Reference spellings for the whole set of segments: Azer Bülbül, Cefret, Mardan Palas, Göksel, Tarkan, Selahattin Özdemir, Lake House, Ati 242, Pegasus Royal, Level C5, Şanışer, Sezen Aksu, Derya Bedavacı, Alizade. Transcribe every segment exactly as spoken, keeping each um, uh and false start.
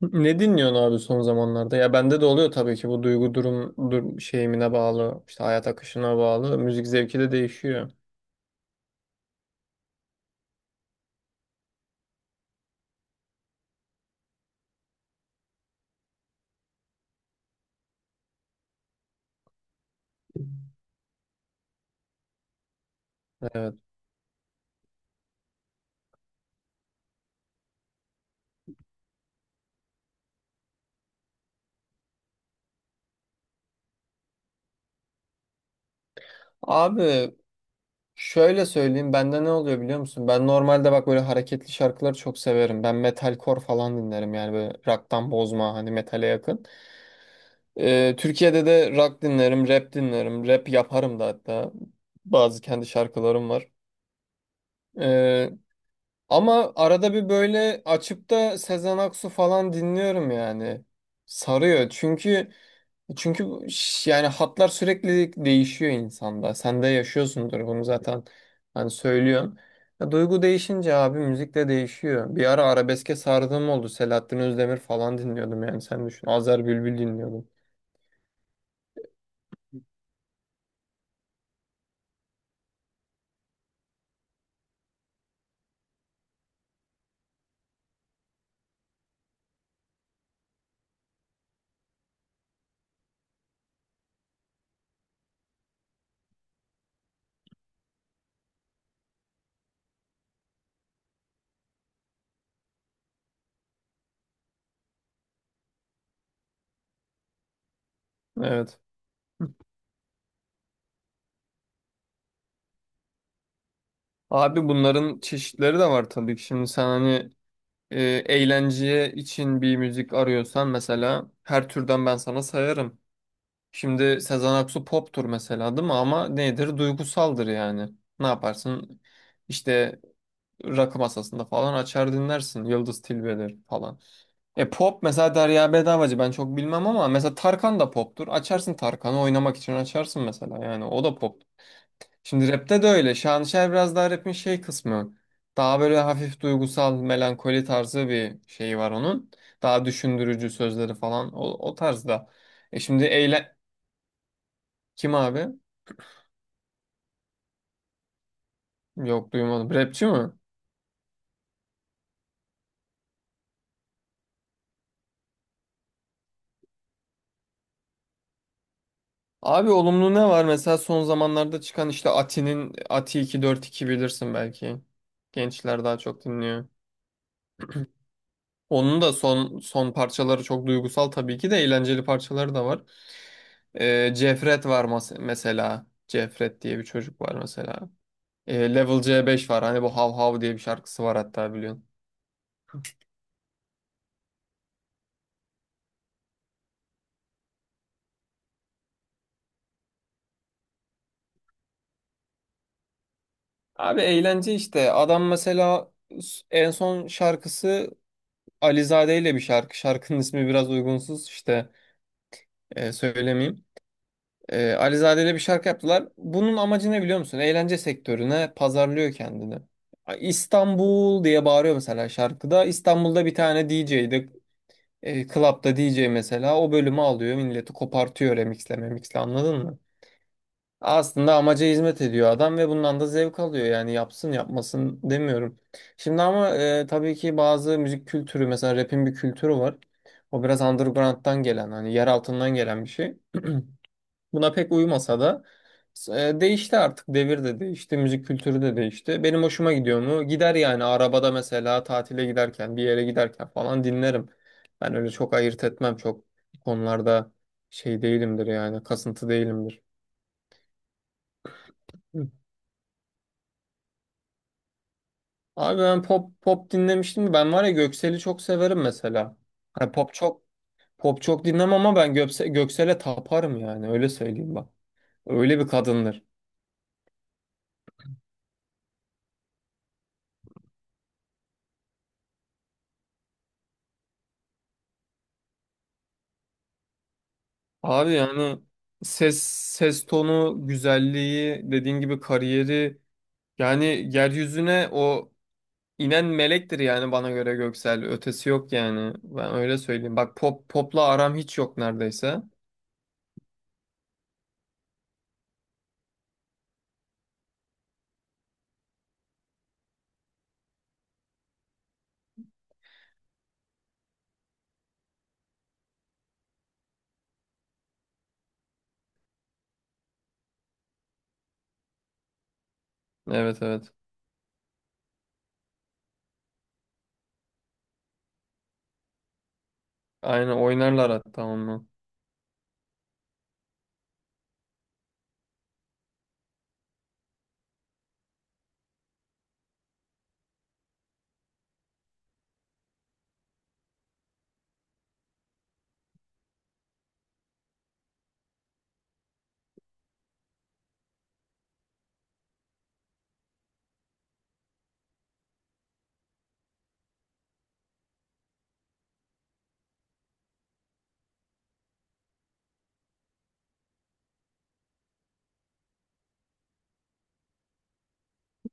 Ne dinliyorsun abi son zamanlarda? Ya bende de oluyor tabii ki bu duygu durum, dur şeyimine bağlı, işte hayat akışına bağlı. Müzik zevki de değişiyor. Evet. Abi şöyle söyleyeyim bende ne oluyor biliyor musun? Ben normalde bak böyle hareketli şarkıları çok severim. Ben metalcore falan dinlerim yani böyle rock'tan bozma hani metale yakın. Ee, Türkiye'de de rock dinlerim, rap dinlerim, rap yaparım da hatta. Bazı kendi şarkılarım var. Ama arada bir böyle açıp da Sezen Aksu falan dinliyorum yani. Sarıyor. Çünkü çünkü ş- yani hatlar sürekli değişiyor insanda. Sen de yaşıyorsundur bunu zaten. Hani söylüyorsun. Ya duygu değişince abi müzik de değişiyor. Bir ara arabeske sardığım oldu. Selahattin Özdemir falan dinliyordum yani sen düşün. Azer Bülbül dinliyordum. Evet. Abi bunların çeşitleri de var tabii ki. Şimdi sen hani e, eğlenceye için bir müzik arıyorsan mesela her türden ben sana sayarım. Şimdi Sezen Aksu poptur mesela değil mi? Ama nedir? Duygusaldır yani. Ne yaparsın? İşte rakı masasında falan açar dinlersin. Yıldız Tilbe'dir falan. E pop mesela Derya Bedavacı ben çok bilmem ama mesela Tarkan da poptur. Açarsın Tarkan'ı oynamak için açarsın mesela yani o da pop. Şimdi rapte de öyle. Şanışer biraz daha rapin şey kısmı. Daha böyle hafif duygusal, melankoli tarzı bir şeyi var onun. Daha düşündürücü sözleri falan. O, o tarzda. E şimdi eyle... Kim abi? Yok duymadım. Rapçi mi? Abi olumlu ne var? Mesela son zamanlarda çıkan işte Ati'nin Ati iki yüz kırk iki bilirsin belki. Gençler daha çok dinliyor. Onun da son son parçaları çok duygusal tabii ki de eğlenceli parçaları da var. Ee, Cefret var mas- mesela. Cefret diye bir çocuk var mesela. Ee, Level C beş var. Hani bu Hav Hav diye bir şarkısı var hatta biliyorsun. Abi eğlence işte. Adam mesela s- en son şarkısı Alizade ile bir şarkı. Şarkının ismi biraz uygunsuz işte e, söylemeyeyim. E, Alizade ile bir şarkı yaptılar. Bunun amacı ne biliyor musun? Eğlence sektörüne pazarlıyor kendini. İstanbul diye bağırıyor mesela şarkıda. İstanbul'da bir tane D J'di. E, Club'da D J mesela o bölümü alıyor milleti kopartıyor remixle memixle anladın mı? Aslında amaca hizmet ediyor adam ve bundan da zevk alıyor yani yapsın yapmasın demiyorum. Şimdi ama e, tabii ki bazı müzik kültürü mesela rap'in bir kültürü var. O biraz underground'dan gelen hani yer altından gelen bir şey. Buna pek uyumasa da e, değişti artık. Devir de değişti, müzik kültürü de değişti. Benim hoşuma gidiyor mu? Gider yani arabada mesela tatile giderken, bir yere giderken falan dinlerim. Ben öyle çok ayırt etmem. Çok konularda şey değilimdir yani, kasıntı değilimdir. Hı. Abi ben pop pop dinlemiştim. Ben var ya Göksel'i çok severim mesela. Hani pop çok pop çok dinlemem ama ben Gökse- Göksel'e taparım yani öyle söyleyeyim bak. Öyle bir kadındır. Abi yani ses ses tonu güzelliği dediğin gibi kariyeri yani yeryüzüne o inen melektir yani bana göre Göksel ötesi yok yani ben öyle söyleyeyim. Bak pop popla aram hiç yok neredeyse. Evet, evet. Aynen oynarlar hatta onunla.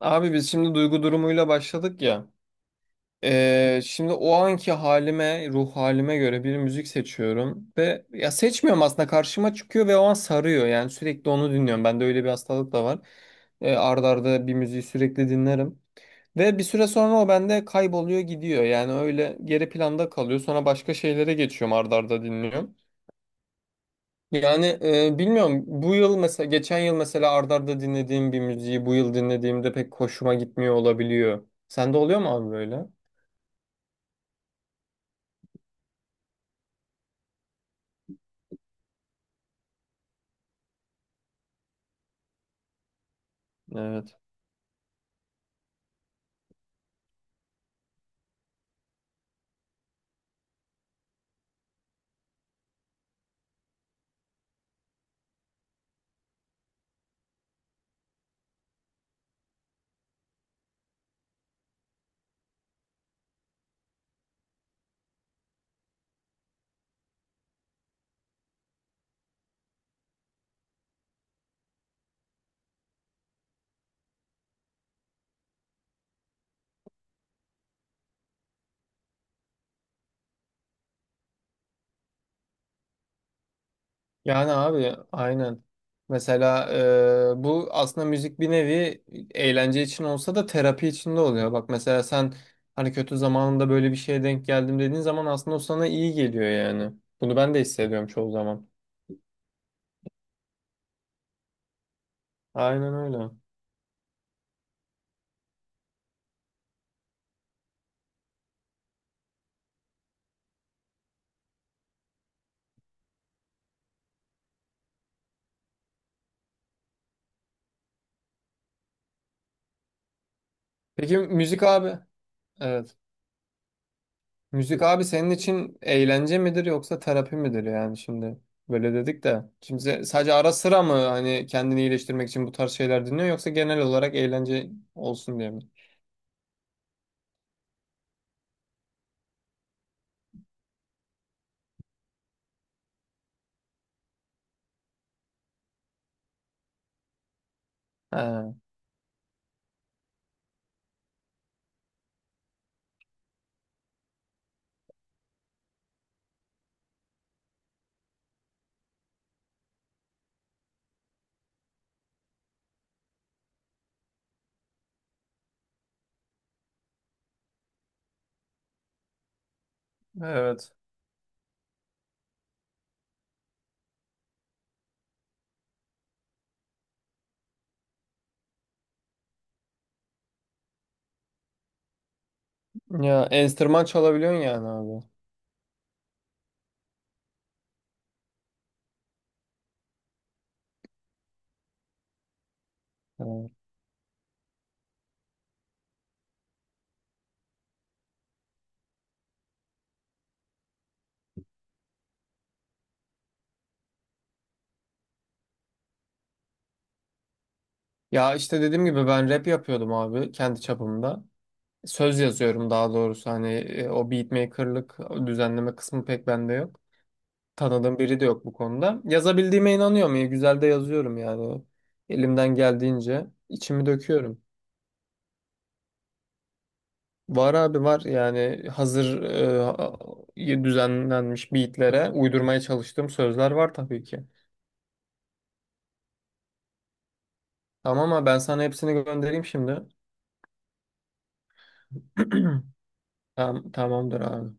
Abi biz şimdi duygu durumuyla başladık ya. Ee, şimdi o anki halime, ruh halime göre bir müzik seçiyorum ve ya seçmiyorum aslında karşıma çıkıyor ve o an sarıyor yani sürekli onu dinliyorum. Bende öyle bir hastalık da var. Ee, ard arda bir müziği sürekli dinlerim ve bir süre sonra o bende kayboluyor gidiyor yani öyle geri planda kalıyor. Sonra başka şeylere geçiyorum ard arda dinliyorum. Yani e, bilmiyorum bu yıl mesela geçen yıl mesela ard arda dinlediğim bir müziği bu yıl dinlediğimde pek hoşuma gitmiyor olabiliyor. Sende oluyor mu abi böyle? Evet. Yani abi aynen. Mesela e, bu aslında müzik bir nevi eğlence için olsa da terapi için de oluyor. Bak mesela sen hani kötü zamanında böyle bir şeye denk geldim dediğin zaman aslında o sana iyi geliyor yani. Bunu ben de hissediyorum çoğu zaman. Aynen öyle. Peki müzik abi, evet. Müzik abi senin için eğlence midir yoksa terapi midir yani şimdi? Böyle dedik de. Şimdi se- sadece ara sıra mı hani kendini iyileştirmek için bu tarz şeyler dinliyor yoksa genel olarak eğlence olsun diye mi? He. Evet. Ya enstrüman çalabiliyorsun yani abi. Evet. Ya işte dediğim gibi ben rap yapıyordum abi kendi çapımda. Söz yazıyorum daha doğrusu hani e, o beatmaker'lık o düzenleme kısmı pek bende yok. Tanıdığım biri de yok bu konuda. Yazabildiğime inanıyorum. İyi güzel de yazıyorum yani. Elimden geldiğince içimi döküyorum. Var abi var yani hazır e, düzenlenmiş beatlere uydurmaya çalıştığım sözler var tabii ki. Tamam ama ben sana hepsini göndereyim şimdi. Tam, tamamdır abi.